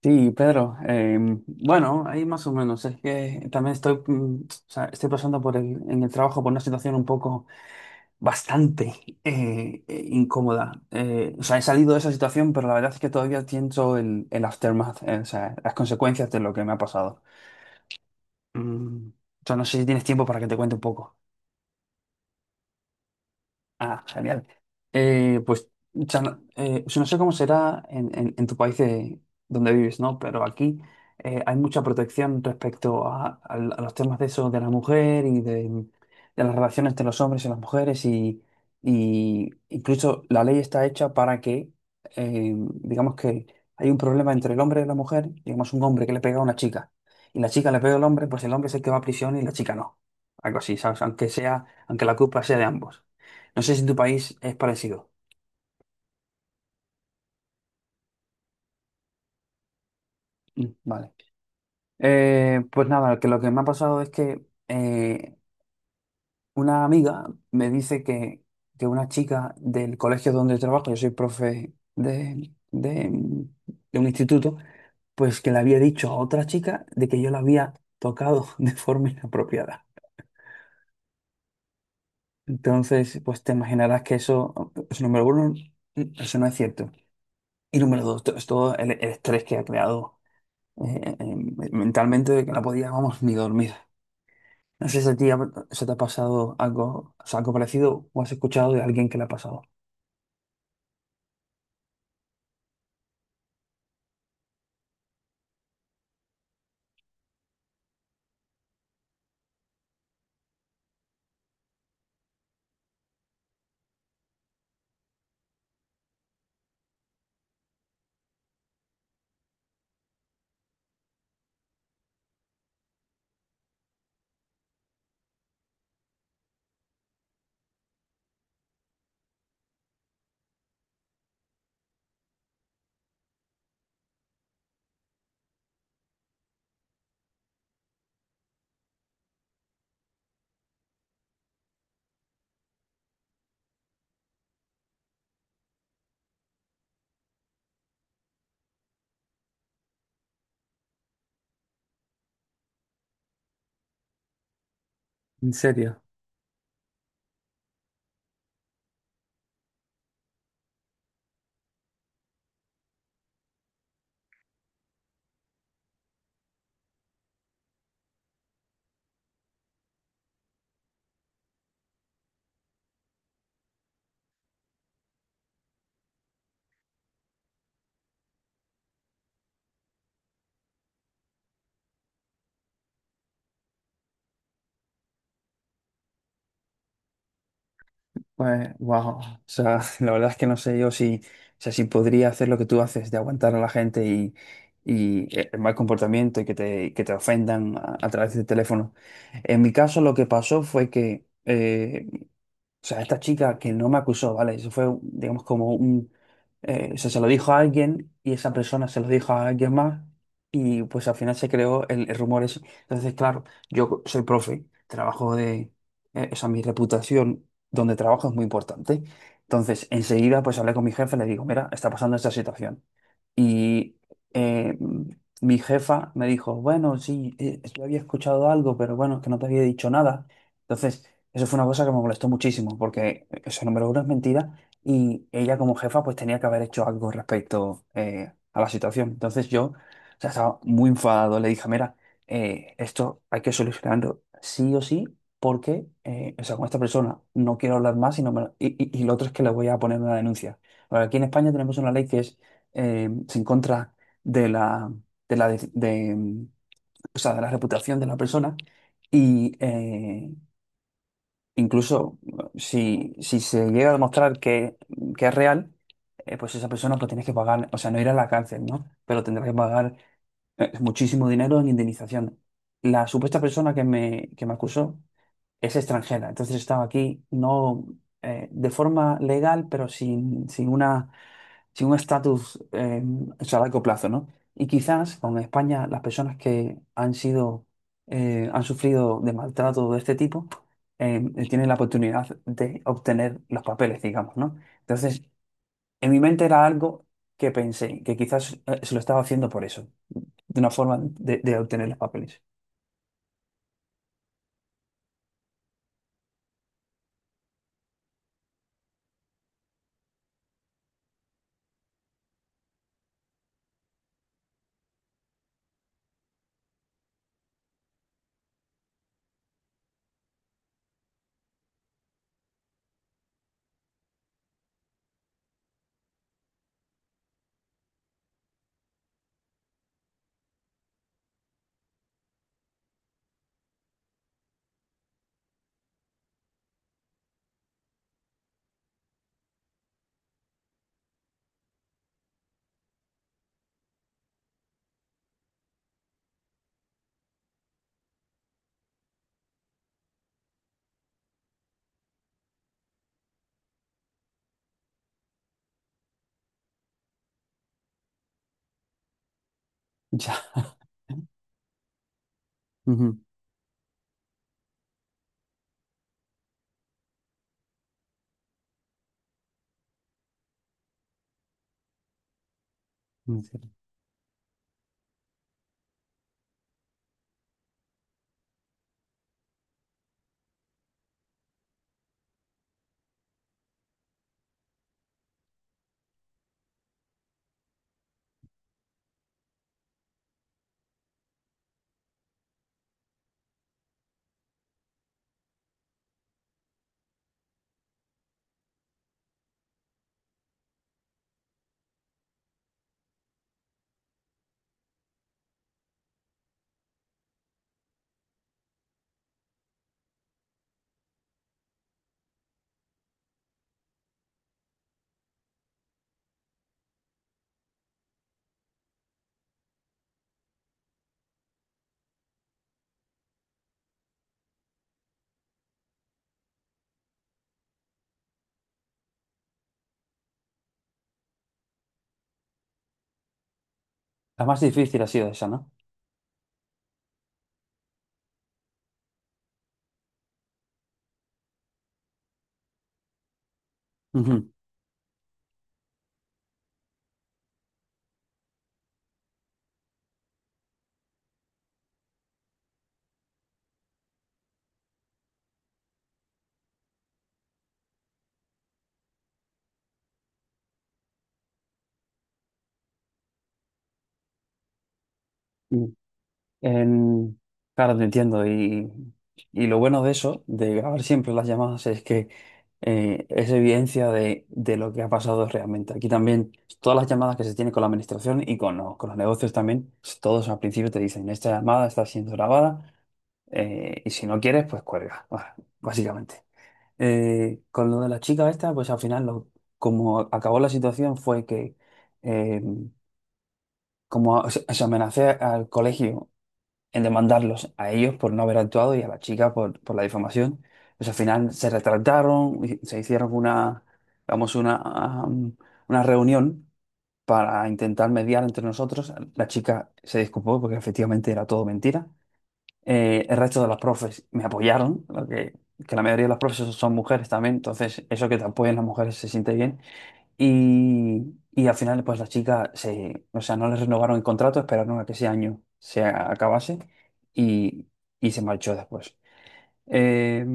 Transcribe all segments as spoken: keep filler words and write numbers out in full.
Sí, Pedro. Em, bueno, ahí más o menos. Es que también estoy, mm, o sea, estoy pasando por el, en el trabajo por una situación un poco bastante eh, eh, incómoda. Eh, o sea, he salido de esa situación, pero la verdad es que todavía siento el, el aftermath, eh, o sea, las consecuencias de lo que me ha pasado. Mm, o sea, no sé si tienes tiempo para que te cuente un poco. Ah, genial. Eh, pues, Chan- eh, o sea, no eh, si no sé cómo será en, en- en tu país de- donde vives, ¿no? Pero aquí eh, hay mucha protección respecto a, a l- a los temas de eso, de la mujer y de, de las relaciones entre los hombres y las mujeres. Y, y incluso la ley está hecha para que, eh, digamos que hay un problema entre el hombre y la mujer, digamos un hombre que le pega a una chica y la chica le pega al hombre, pues el hombre es el que va a prisión y la chica no. Algo así, ¿sabes? Aunque sea, aunque la culpa sea de ambos. No sé si en tu país es parecido. Mm, vale. Eh, pues nada, que lo que me ha pasado es que eh, una amiga me dice que, que una chica del colegio donde trabajo, yo soy profe de, de, de un instituto, pues que le había dicho a otra chica de que yo la había tocado de forma inapropiada. Entonces, pues te imaginarás que eso, pues, número uno, eso no es cierto. Y número dos, to- es todo el, el estrés que ha creado eh, eh, mentalmente de que no podía, vamos, ni dormir. No sé si a ti ha- se te ha pasado algo, o sea, algo parecido o has escuchado de alguien que le ha pasado. ¿En serio? Pues, wow. O sea, la verdad es que no sé yo si, o sea, si podría hacer lo que tú haces, de aguantar a la gente y, y eh, el mal comportamiento y que te, que te ofendan a, a través del teléfono. En mi caso, lo que pasó fue que, eh, o sea, esta chica que no me acusó, ¿vale? Eso fue, digamos, como un eh, se, se lo dijo a alguien y esa persona se lo dijo a alguien más y pues al final se creó el, el rumor ese. Entonces, claro, yo co- soy profe, trabajo de, eh, o sea, mi reputación donde trabajo es muy importante. Entonces, enseguida pues hablé con mi jefe, le digo, mira, está pasando esta situación. Y eh, mm, mi jefa me dijo, bueno, sí, eh, yo había escuchado algo, pero bueno, es que no te había dicho nada. Entonces, eso fue una cosa que me molestó muchísimo, porque eso, número uno, es mentira y ella como jefa pues tenía que haber hecho algo respecto eh, a la situación. Entonces yo, o sea, estaba muy enfadado, le dije, mira, eh, esto hay que solucionarlo sí o sí, porque, eh, o sea, con esta persona no quiero hablar más y, no me- y, y- y lo otro es que le voy a poner una denuncia. Ahora, aquí en España tenemos una ley que es eh, se en contra de la, de la, de, de, o sea, de la reputación de la persona y, eh, incluso eh, si, si se llega a demostrar que, que es real, eh, pues esa persona pues tienes que pagar, o sea, no ir a la cárcel, ¿no? Pero tendrás que pagar eh, muchísimo dinero en indemnización. La supuesta persona que me, que me acusó es extranjera, entonces estaba aquí no eh, de forma legal, pero sin, sin una sí, un estatus eh, eso a largo plazo, ¿no? Y quizás con España las personas que han sido, eh, han sufrido de maltrato de este tipo, eh, tienen la oportunidad de obtener los papeles, digamos, ¿no? Entonces, en mi mente era algo que pensé, que quizás eh, se lo estaba haciendo por eso, de una forma de, de obtener los papeles. Ya. Ujú. La más difícil ha sido esa, ¿no? Ujú. En- Claro, te entiendo. Y, y lo bueno de eso, de grabar siempre las llamadas, es que eh, es evidencia de, de lo que ha pasado realmente. Aquí también, todas las llamadas que se tienen con la administración y con, los- con los negocios también, todos al principio te dicen, esta llamada está siendo grabada eh, y si no quieres, pues cuelga, bah, básicamente. Eh, con lo de la chica esta, pues al final, lo, como acabó la situación fue que... eh, como se, se amenacé al colegio en demandarlos a ellos por no haber actuado y a la chica por, por la difamación. Pues al final se retractaron, y se hicieron una, vamos, una, um, una reunión para intentar mediar entre nosotros. La chica se disculpó porque efectivamente era todo mentira. Eh, el resto de las profes me apoyaron, lo que, que la mayoría de las profes son mujeres también, entonces eso que te apoyen las mujeres se siente bien. Y, y al final, pues la chica se, o sea, no le renovaron el contrato, esperaron a que ese año se acabase y, y se marchó después. Eh,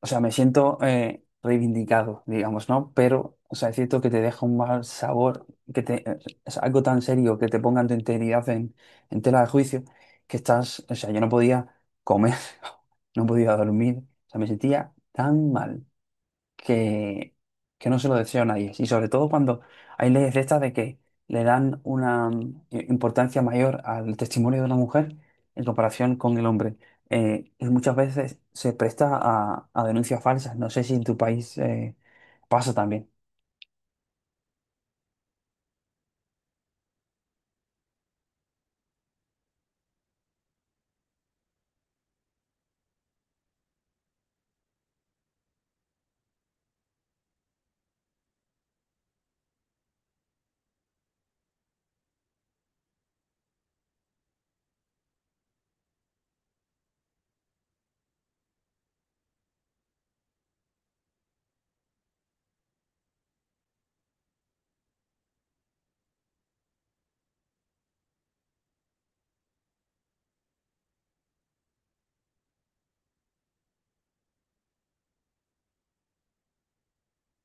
o sea, me siento eh, reivindicado, digamos, ¿no? Pero, o sea, es cierto que te deja un mal sabor, que te, eh, es algo tan serio que te pongan tu integridad en, en tela de juicio, que estás, o sea, yo no podía comer, no podía dormir, o sea, me sentía tan mal que, que no se lo deseo a nadie. Y sobre todo cuando hay leyes de estas de que le dan una mm, importancia mayor al testimonio de la mujer en comparación con el hombre. Eh, y muchas veces se presta a, a denuncias falsas. No sé si en tu país eh, pasa también.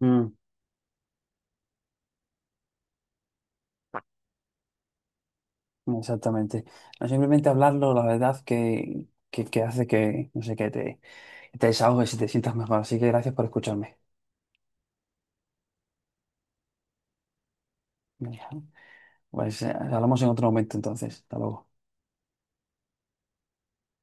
Mm. Exactamente. No simplemente hablarlo, la verdad que, que, que hace que, no sé, que te, que te desahogues y te sientas mejor. Así que gracias por escucharme. Venga, pues eh, hablamos en otro momento entonces. Hasta luego.